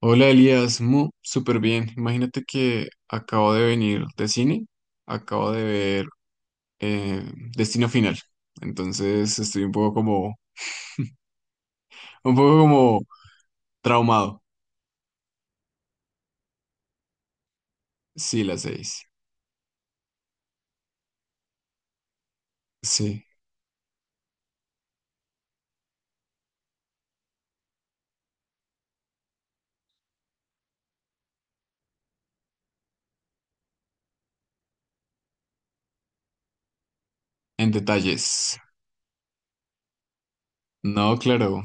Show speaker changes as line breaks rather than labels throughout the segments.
Hola Elías, súper bien. Imagínate que acabo de venir de cine, acabo de ver eh, Destino Final. Entonces estoy un poco como traumado. Sí, las seis. Sí, en detalles. No, claro.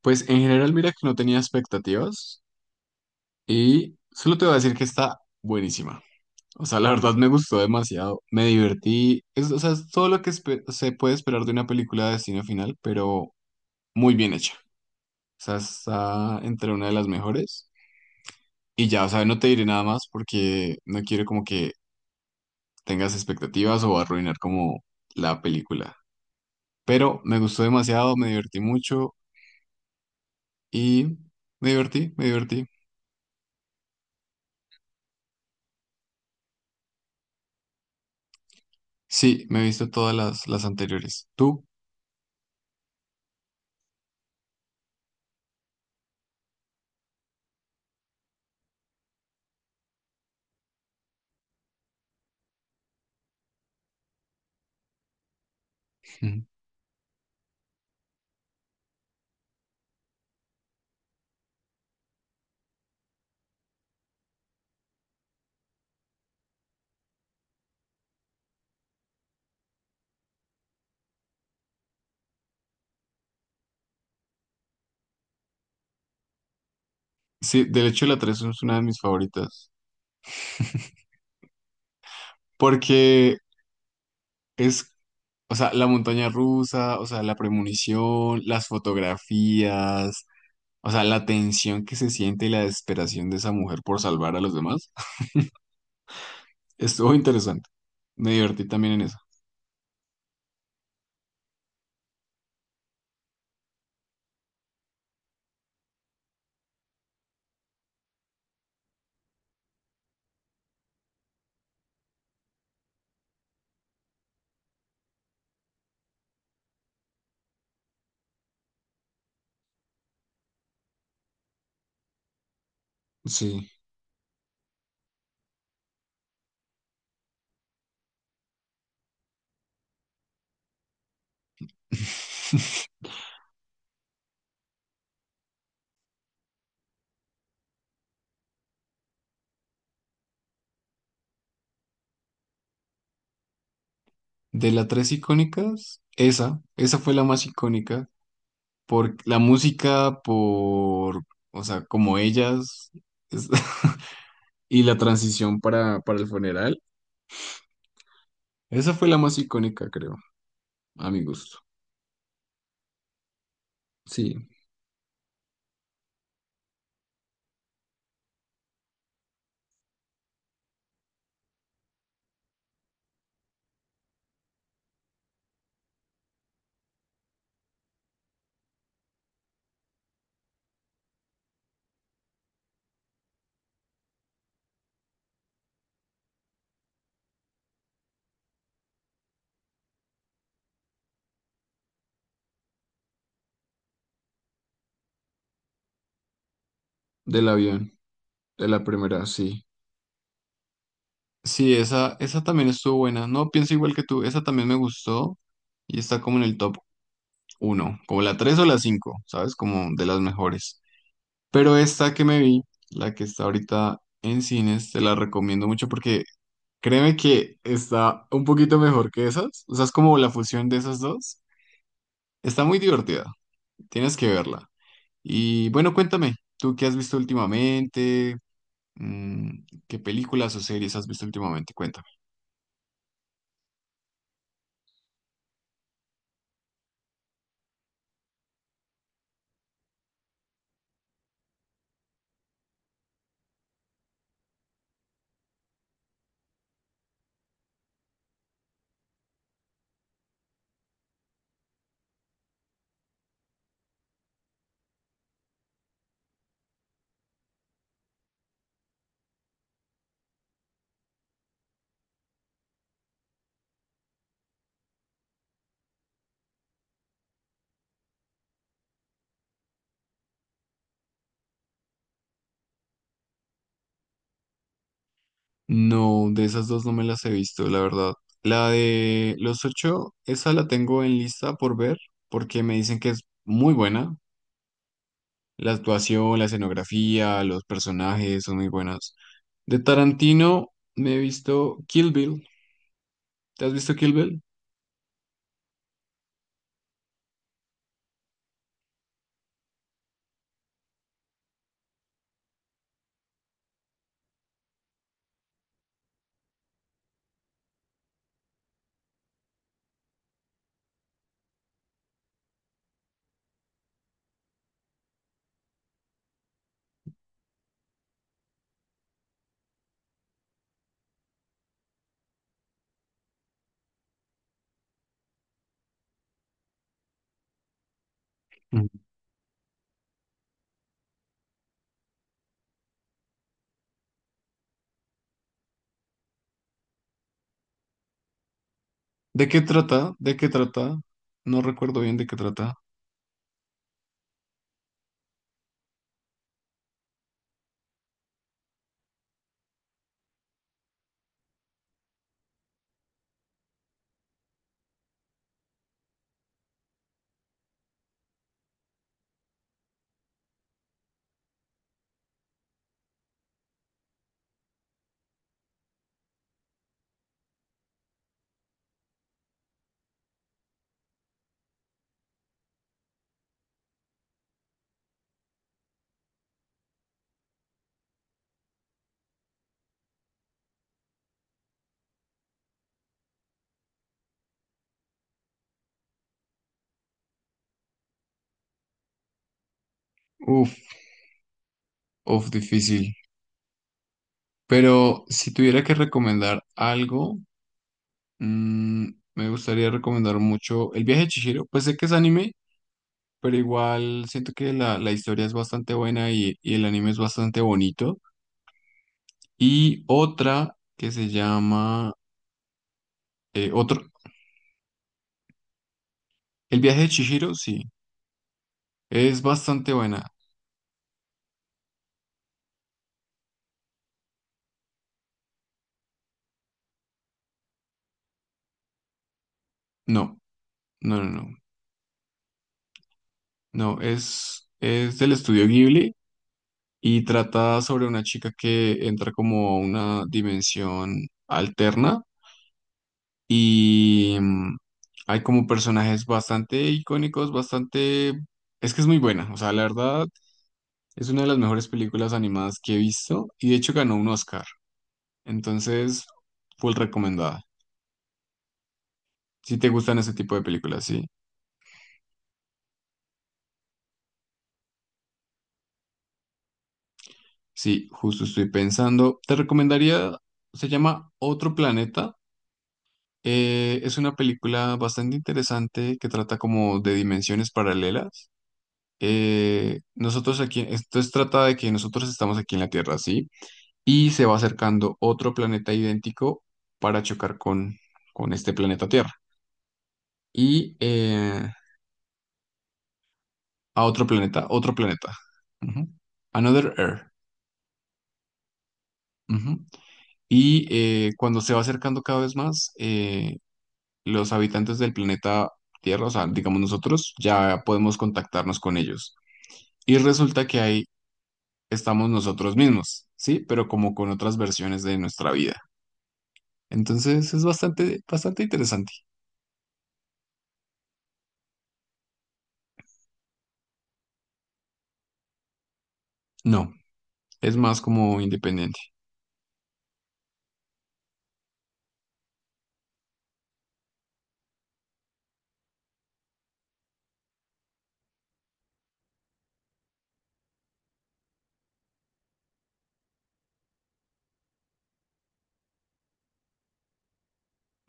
Pues en general mira que no tenía expectativas y solo te voy a decir que está buenísima. O sea, la verdad me gustó demasiado, me divertí. O sea, es todo lo que se puede esperar de una película de Destino Final, pero muy bien hecha. O sea, está entre una de las mejores. Y ya, o sea, no te diré nada más porque no quiero como que tengas expectativas o arruinar como la película. Pero me gustó demasiado, me divertí mucho y me divertí. Sí, me he visto todas las anteriores. ¿Tú? Ujú. Sí, del hecho la 3 es una de mis favoritas. Porque es, o sea, la montaña rusa, o sea, la premonición, las fotografías. O sea, la tensión que se siente y la desesperación de esa mujer por salvar a los demás. Estuvo interesante. Me divertí también en eso. Sí. De las tres icónicas, esa fue la más icónica. Por la música, por, o sea, como ellas, es- y la transición para el funeral. Esa fue la más icónica, creo, a mi gusto. Sí, del avión, de la primera, sí. Sí, esa también estuvo buena. No, pienso igual que tú. Esa también me gustó y está como en el top uno, como la 3 o la 5, ¿sabes? Como de las mejores. Pero esta que me vi, la que está ahorita en cines, te la recomiendo mucho porque créeme que está un poquito mejor que esas. O sea, es como la fusión de esas dos. Está muy divertida. Tienes que verla. Y bueno, cuéntame, ¿tú qué has visto últimamente? ¿Qué películas o series has visto últimamente? Cuéntame. No, de esas dos no me las he visto, la verdad. La de Los Ocho, esa la tengo en lista por ver, porque me dicen que es muy buena. La actuación, la escenografía, los personajes son muy buenas. De Tarantino me he visto Kill Bill. ¿Te has visto Kill Bill? Mm. ¿De qué trata? ¿De qué trata? No recuerdo bien de qué trata. Uf, uf, difícil. Pero si tuviera que recomendar algo, mm, me gustaría recomendar mucho El viaje de Chihiro. Pues sé que es anime, pero igual siento que la historia es bastante buena y el anime es bastante bonito. Y otra que se llama, eh, otro, El viaje de Chihiro, sí, es bastante buena. No, no, no, no, no, es del estudio Ghibli y trata sobre una chica que entra como a una dimensión alterna y hay como personajes bastante icónicos, bastante. Es que es muy buena, o sea, la verdad. Es una de las mejores películas animadas que he visto y de hecho ganó un Oscar. Entonces, full recomendada. Si te gustan ese tipo de películas, sí. Sí, justo estoy pensando. Te recomendaría, se llama Otro Planeta. Es una película bastante interesante que trata como de dimensiones paralelas. Nosotros aquí, trata de que nosotros estamos aquí en la Tierra, sí, y se va acercando otro planeta idéntico para chocar con este planeta Tierra. Y eh, A otro planeta, otro planeta. Ujú. Another Earth. Ujú. Cuando se va acercando cada vez más, los habitantes del planeta Tierra, o sea, digamos nosotros, ya podemos contactarnos con ellos. Y resulta que ahí estamos nosotros mismos, ¿sí? Pero como con otras versiones de nuestra vida. Entonces es bastante, bastante interesante. No, es más como independiente.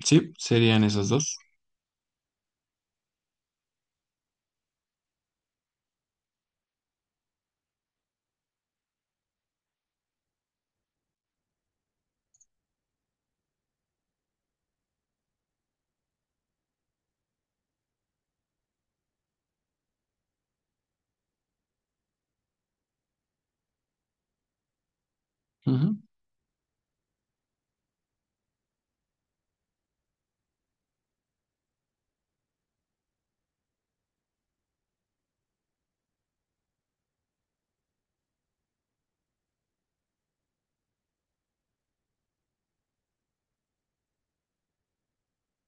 Sí, serían esas dos. Ujú.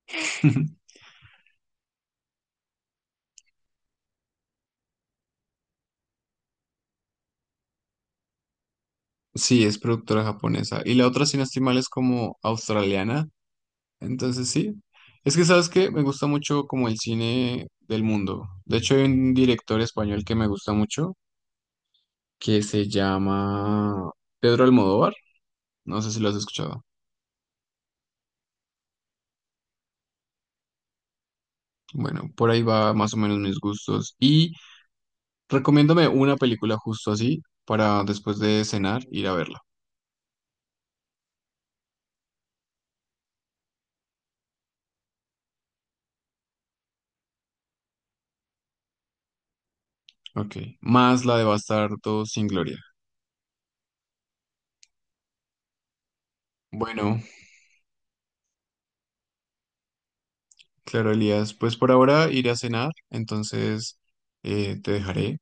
Sí, es productora japonesa. Y la otra, si no estoy mal, es como australiana. Entonces sí, es que sabes que me gusta mucho como el cine del mundo. De hecho, hay un director español que me gusta mucho, que se llama Pedro Almodóvar. No sé si lo has escuchado. Bueno, por ahí va más o menos mis gustos. Y recomiéndame una película justo así para después de cenar ir a verla. Ok, más la de Bastardo sin Gloria. Bueno, claro, Elías, pues por ahora iré a cenar, entonces te dejaré.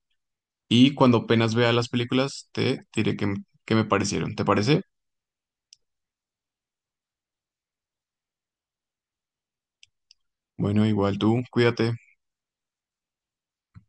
Y cuando apenas vea las películas, te diré qué me parecieron. ¿Te parece? Bueno, igual tú, cuídate.